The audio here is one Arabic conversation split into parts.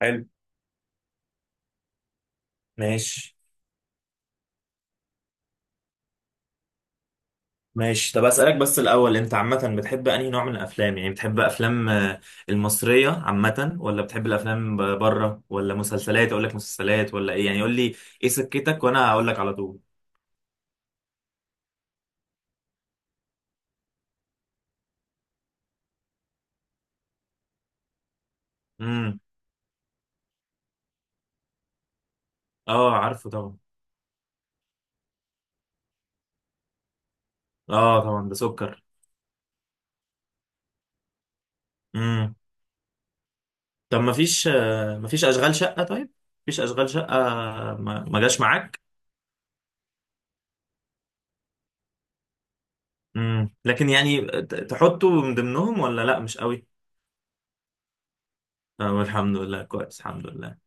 حلو. ماشي ماشي. طب اسالك بس الاول، انت عامه بتحب انهي نوع من الافلام؟ يعني بتحب افلام المصريه عامه، ولا بتحب الافلام بره، ولا مسلسلات؟ اقول لك مسلسلات ولا ايه؟ يعني قول لي ايه، سكتك وانا هقول لك على طول. امم. اه عارفه طبعا. اه طبعا ده سكر. امم، طب ما فيش اشغال شقه؟ طيب. مفيش اشغال شقه؟ ما جاش معاك؟ امم، لكن يعني تحطه من ضمنهم ولا لا، مش قوي؟ طب الحمد لله كويس، الحمد لله.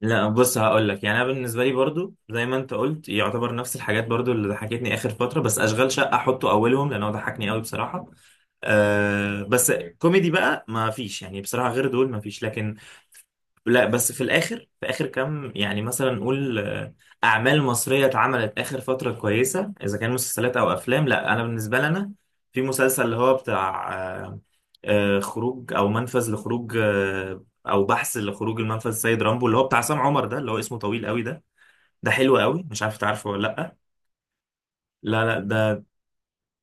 لا بص، هقول لك، يعني انا بالنسبه لي برضو زي ما انت قلت، يعتبر نفس الحاجات برضو اللي ضحكتني اخر فتره، بس اشغال شقه احطه اولهم لان هو ضحكني قوي بصراحه. أه بس. كوميدي بقى ما فيش يعني بصراحه غير دول، ما فيش لكن. لا بس في الاخر، في اخر كام يعني مثلا نقول اعمال مصريه اتعملت اخر فتره كويسه، اذا كان مسلسلات او افلام. لا انا بالنسبه لي، انا في مسلسل اللي هو بتاع آه، خروج او منفذ لخروج، او بحث لخروج المنفذ، السيد رامبو اللي هو بتاع عصام عمر، ده اللي هو اسمه طويل قوي ده. ده حلو قوي، مش عارف تعرفه ولا لا. لا لا ده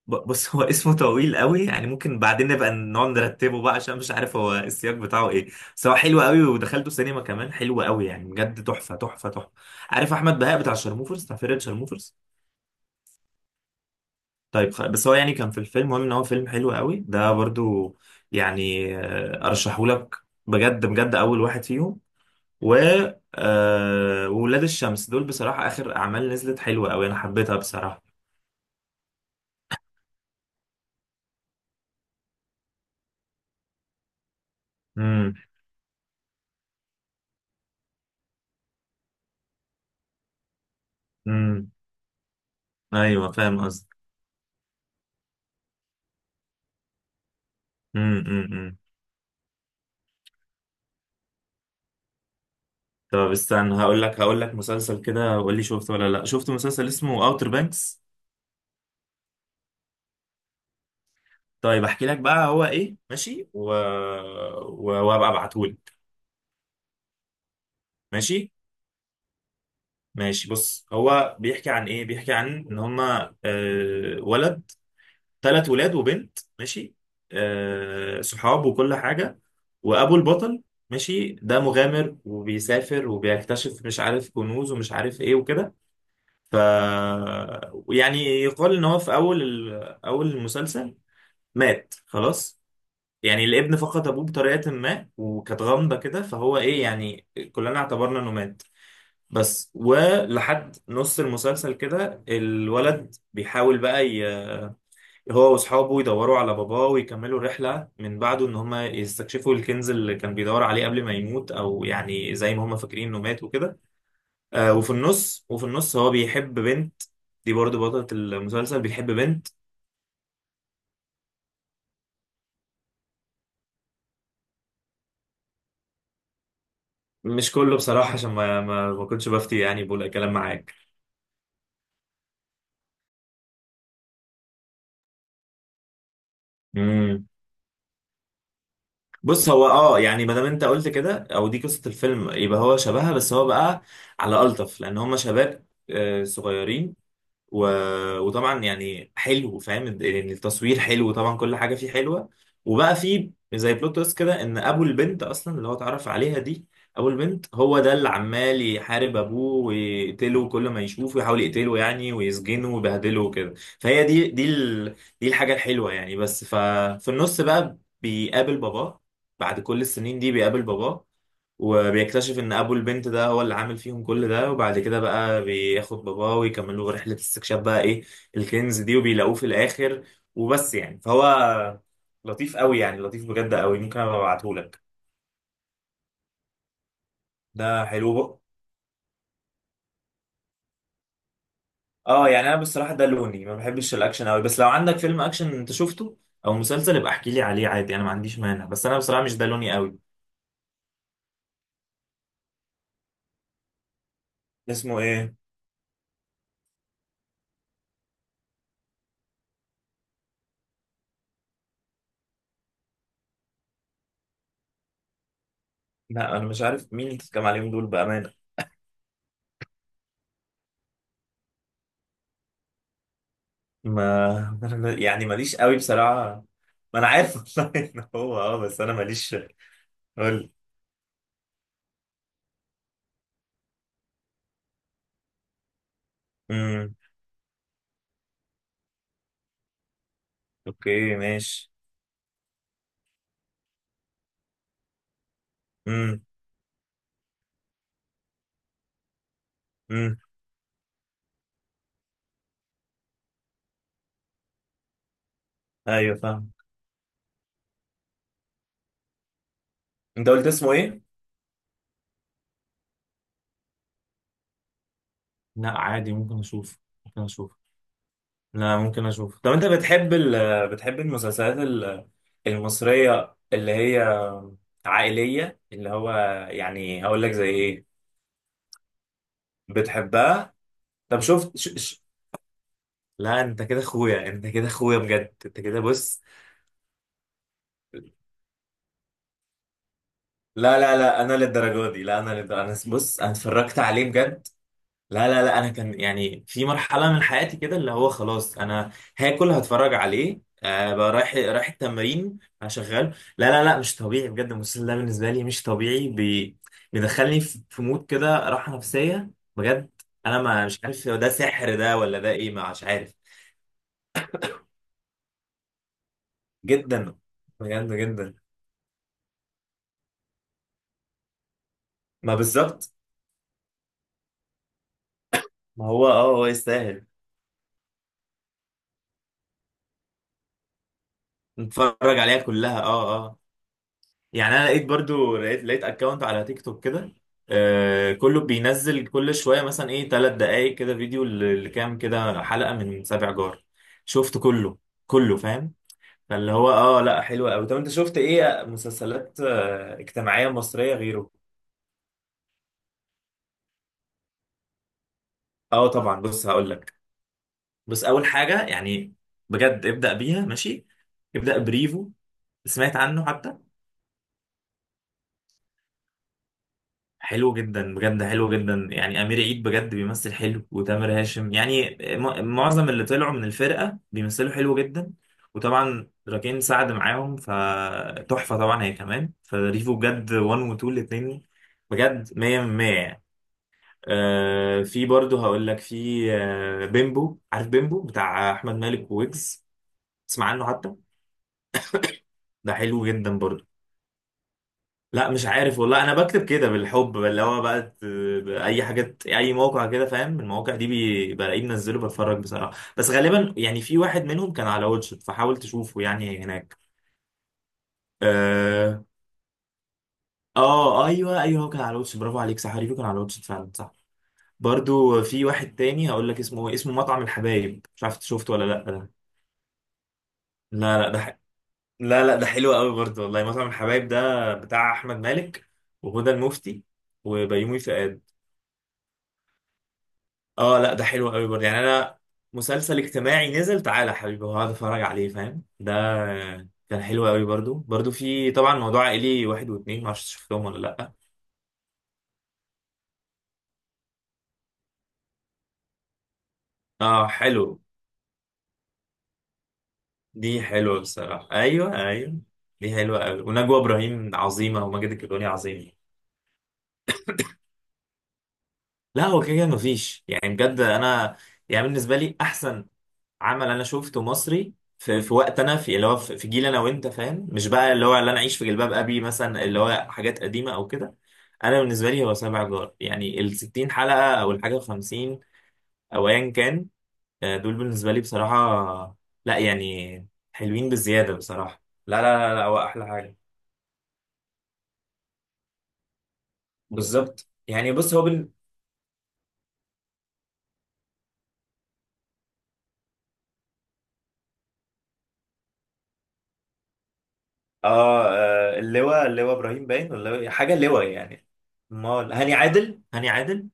بص، هو اسمه طويل قوي يعني، ممكن بعدين نبقى نقعد نرتبه بقى، عشان مش عارف هو السياق بتاعه ايه. بس هو حلو قوي، ودخلته سينما كمان حلو قوي يعني، بجد تحفه تحفه تحفه. عارف احمد بهاء بتاع شرموفرز، بتاع فرقه شرموفرز؟ طيب بس هو يعني كان في الفيلم، المهم ان هو فيلم حلو قوي ده برضو، يعني ارشحه لك بجد بجد، اول واحد فيهم. و آه، وولاد الشمس، دول بصراحه اخر اعمال نزلت حلوه قوي، انا حبيتها بصراحه. امم، امم. ايوه فاهم قصدي. امم، طب استنى، هقول لك مسلسل كده وقول لي شفته ولا لا. شفت مسلسل اسمه اوتر بانكس؟ طيب احكي لك بقى هو ايه، ماشي، و... و... وابقى ابعتهولك. ماشي. ماشي، بص، هو بيحكي عن ايه؟ بيحكي عن ان هما ولد، 3 ولاد وبنت، ماشي، صحاب وكل حاجة. وابو البطل، ماشي، ده مغامر وبيسافر وبيكتشف، مش عارف كنوز ومش عارف ايه وكده. ف يعني يقال ان هو في اول المسلسل مات خلاص، يعني الابن فقد ابوه بطريقه ما وكانت غامضه كده، فهو ايه يعني، كلنا اعتبرنا انه مات. بس ولحد نص المسلسل كده الولد بيحاول بقى هو واصحابه يدوروا على باباه ويكملوا رحله من بعده، ان هم يستكشفوا الكنز اللي كان بيدور عليه قبل ما يموت، او يعني زي ما هم فاكرين انه مات وكده. آه. وفي النص هو بيحب بنت، دي برضه بطلة المسلسل، بيحب بنت. مش كله بصراحة عشان ما كنتش بفتي، يعني بقول كلام معاك. مم. بص هو اه، يعني ما دام انت قلت كده او دي قصه الفيلم، يبقى هو شبهها، بس هو بقى على الطف، لان هم شباب صغيرين. و... وطبعا يعني حلو، فاهم يعني التصوير حلو طبعا، كل حاجه فيه حلوه. وبقى فيه زي بلوت تويست كده، ان ابو البنت اصلا اللي هو اتعرف عليها دي، ابو البنت هو ده اللي عمال يحارب ابوه ويقتله، كل ما يشوفه يحاول يقتله يعني، ويسجنه ويبهدله وكده. فهي دي الحاجه الحلوه يعني. بس ففي النص بقى بيقابل باباه، بعد كل السنين دي بيقابل باباه، وبيكتشف ان ابو البنت ده هو اللي عامل فيهم كل ده، وبعد كده بقى بياخد باباه ويكملوا رحلة استكشاف بقى ايه، الكنز دي، وبيلاقوه في الاخر وبس. يعني فهو لطيف قوي يعني، لطيف بجد قوي، ممكن ابقى ابعتهولك. ده حلو بقى. اه يعني انا بصراحة ده لوني، ما بحبش الاكشن قوي، بس لو عندك فيلم اكشن انت شفته او مسلسل يبقى احكي لي عليه، عادي انا ما عنديش مانع، بس انا بصراحة مش ده لوني قوي. اسمه ايه؟ لا انا مش عارف مين اللي بتتكلم عليهم دول بأمانة. ما يعني ماليش قوي بصراحة، ما انا عارف والله ان هو اه، بس انا ماليش. قول. امم، اوكي ماشي. امم، امم. ايوه فاهم. انت قلت اسمه ايه؟ لا عادي، ممكن اشوف، ممكن اشوف. لا ممكن اشوف. طب انت بتحب ال بتحب المسلسلات المصرية اللي هي عائلية، اللي هو يعني هقول لك زي ايه، بتحبها؟ طب شفت لا انت كده اخويا، انت كده اخويا بجد، انت كده. بص. لا لا لا، انا للدرجه دي، لا انا للدرجة. انا بص، انا اتفرجت عليه بجد. لا لا لا، انا كان يعني في مرحله من حياتي كده، اللي هو خلاص انا هاكل هتفرج عليه، آه بقى رايح التمرين هشغله. لا لا لا، مش طبيعي بجد، المسلسل ده بالنسبه لي مش طبيعي. بيدخلني في مود كده، راحه نفسيه بجد. انا ما مش عارف ده سحر ده ولا ده ايه، ما مش عارف. جدا، بجد جدا. ما بالظبط، ما هو اه هو يستاهل. نتفرج عليها كلها اه. آه. يعني انا لقيت برضو، لقيت اكونت على تيك توك كده، آه كله بينزل كل شويه مثلا ايه، 3 دقائق كده فيديو لكام كده حلقه من سابع جار. شفت كله، كله فاهم. فاللي هو اه، لا حلو قوي. طب انت شفت ايه مسلسلات آه اجتماعيه مصريه غيره؟ اه طبعا بص هقول لك. بص، اول حاجه يعني بجد، ابدا بيها ماشي، ابدا بريفو. سمعت عنه حتى؟ حلو جدا بجد، حلو جدا يعني، امير عيد بجد بيمثل حلو، وتامر هاشم يعني معظم اللي طلعوا من الفرقه بيمثلوا حلو جدا، وطبعا راكين سعد معاهم، فتحفه طبعا هي كمان. فريفو بجد 1 و 2 الاثنين، بجد 100 من 100 يعني. آه، في برضه هقول لك، في آه بيمبو، عارف بيمبو بتاع احمد مالك وويجز؟ تسمع عنه حتى؟ ده حلو جدا برضه. لا مش عارف والله، انا بكتب كده بالحب اللي هو بقى اي حاجه اي موقع كده، فاهم المواقع دي، بلاقيه منزله بتفرج بصراحه، بس غالبا يعني في واحد منهم كان على واتشت فحاول تشوفه يعني هناك. اه، اه ايوه، هو كان على واتشت، برافو عليك، صح، ريفو كان على واتشت فعلا، صح. برضو في واحد تاني هقول لك اسمه اسمه مطعم الحبايب، مش عارف إنت شفته ولا لا ده؟ لا لا ده لا لا ده حلو قوي برضو والله، مطعم الحبايب ده بتاع احمد مالك وهدى المفتي وبيومي فؤاد. اه، لا ده حلو قوي برضه يعني. انا مسلسل اجتماعي نزل تعالى يا حبيبي، وهقعد اتفرج عليه، فاهم ده؟ كان حلو قوي برضه، برضه في طبعا موضوع عائلي واحد واثنين، معرفش شفتهم ولا لا. اه حلو. دي حلوه بصراحه، ايوه ايوه، دي حلوه قوي، ونجوى ابراهيم عظيمه وماجد الكدواني عظيم. لا هو كده كده مفيش يعني بجد، انا يعني بالنسبه لي احسن عمل انا شفته مصري في، وقت، انا في اللي هو في جيل انا وانت فاهم، مش بقى اللي هو اللي انا اعيش في جلباب ابي مثلا اللي هو حاجات قديمه او كده. انا بالنسبه لي هو سبع جار، يعني ال 60 حلقه او الحاجه 50 او ايا كان، دول بالنسبه لي بصراحه، لا يعني حلوين بزياده بصراحه. لا لا لا, لا هو احلى حاجه، بالظبط يعني. بص هو اه اللواء، اللواء ابراهيم، باين ولا إيه؟ حاجه اللواء يعني. امال هاني عادل، هاني عادل،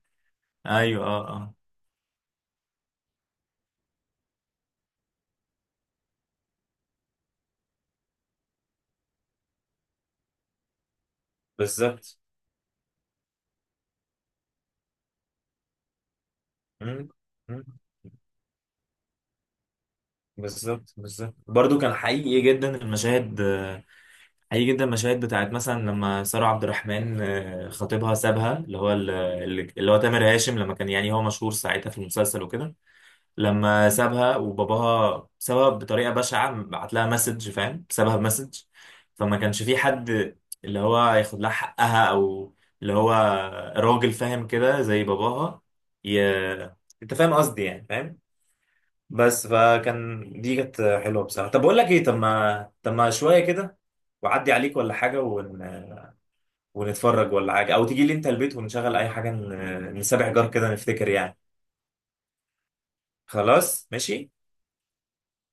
ايوه اه اه، بالظبط. مم. مم. بالظبط بالظبط. برضو كان حقيقي جدا المشاهد بتاعت مثلا لما سارة عبد الرحمن خطيبها سابها، اللي هو اللي هو تامر هاشم، لما كان يعني هو مشهور ساعتها في المسلسل وكده، لما سابها وباباها، سابها بطريقة بشعة، بعت لها مسج، فاهم سابها بمسج. فما كانش في حد اللي هو ياخد لها حقها، او اللي هو راجل فاهم كده زي باباها. ي... انت فاهم قصدي، يعني فاهم. بس فكان دي كانت حلوه بصراحه. طب بقول لك ايه، طب ما طب ما شويه كده وعدي عليك ولا حاجه، ون... ونتفرج ولا حاجه، او تيجي لي انت البيت ونشغل اي حاجه، نسابح جار كده نفتكر يعني. خلاص ماشي.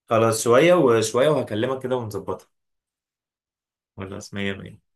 خلاص، شويه وشويه وهكلمك كده ونظبطها. خلاص مية مية.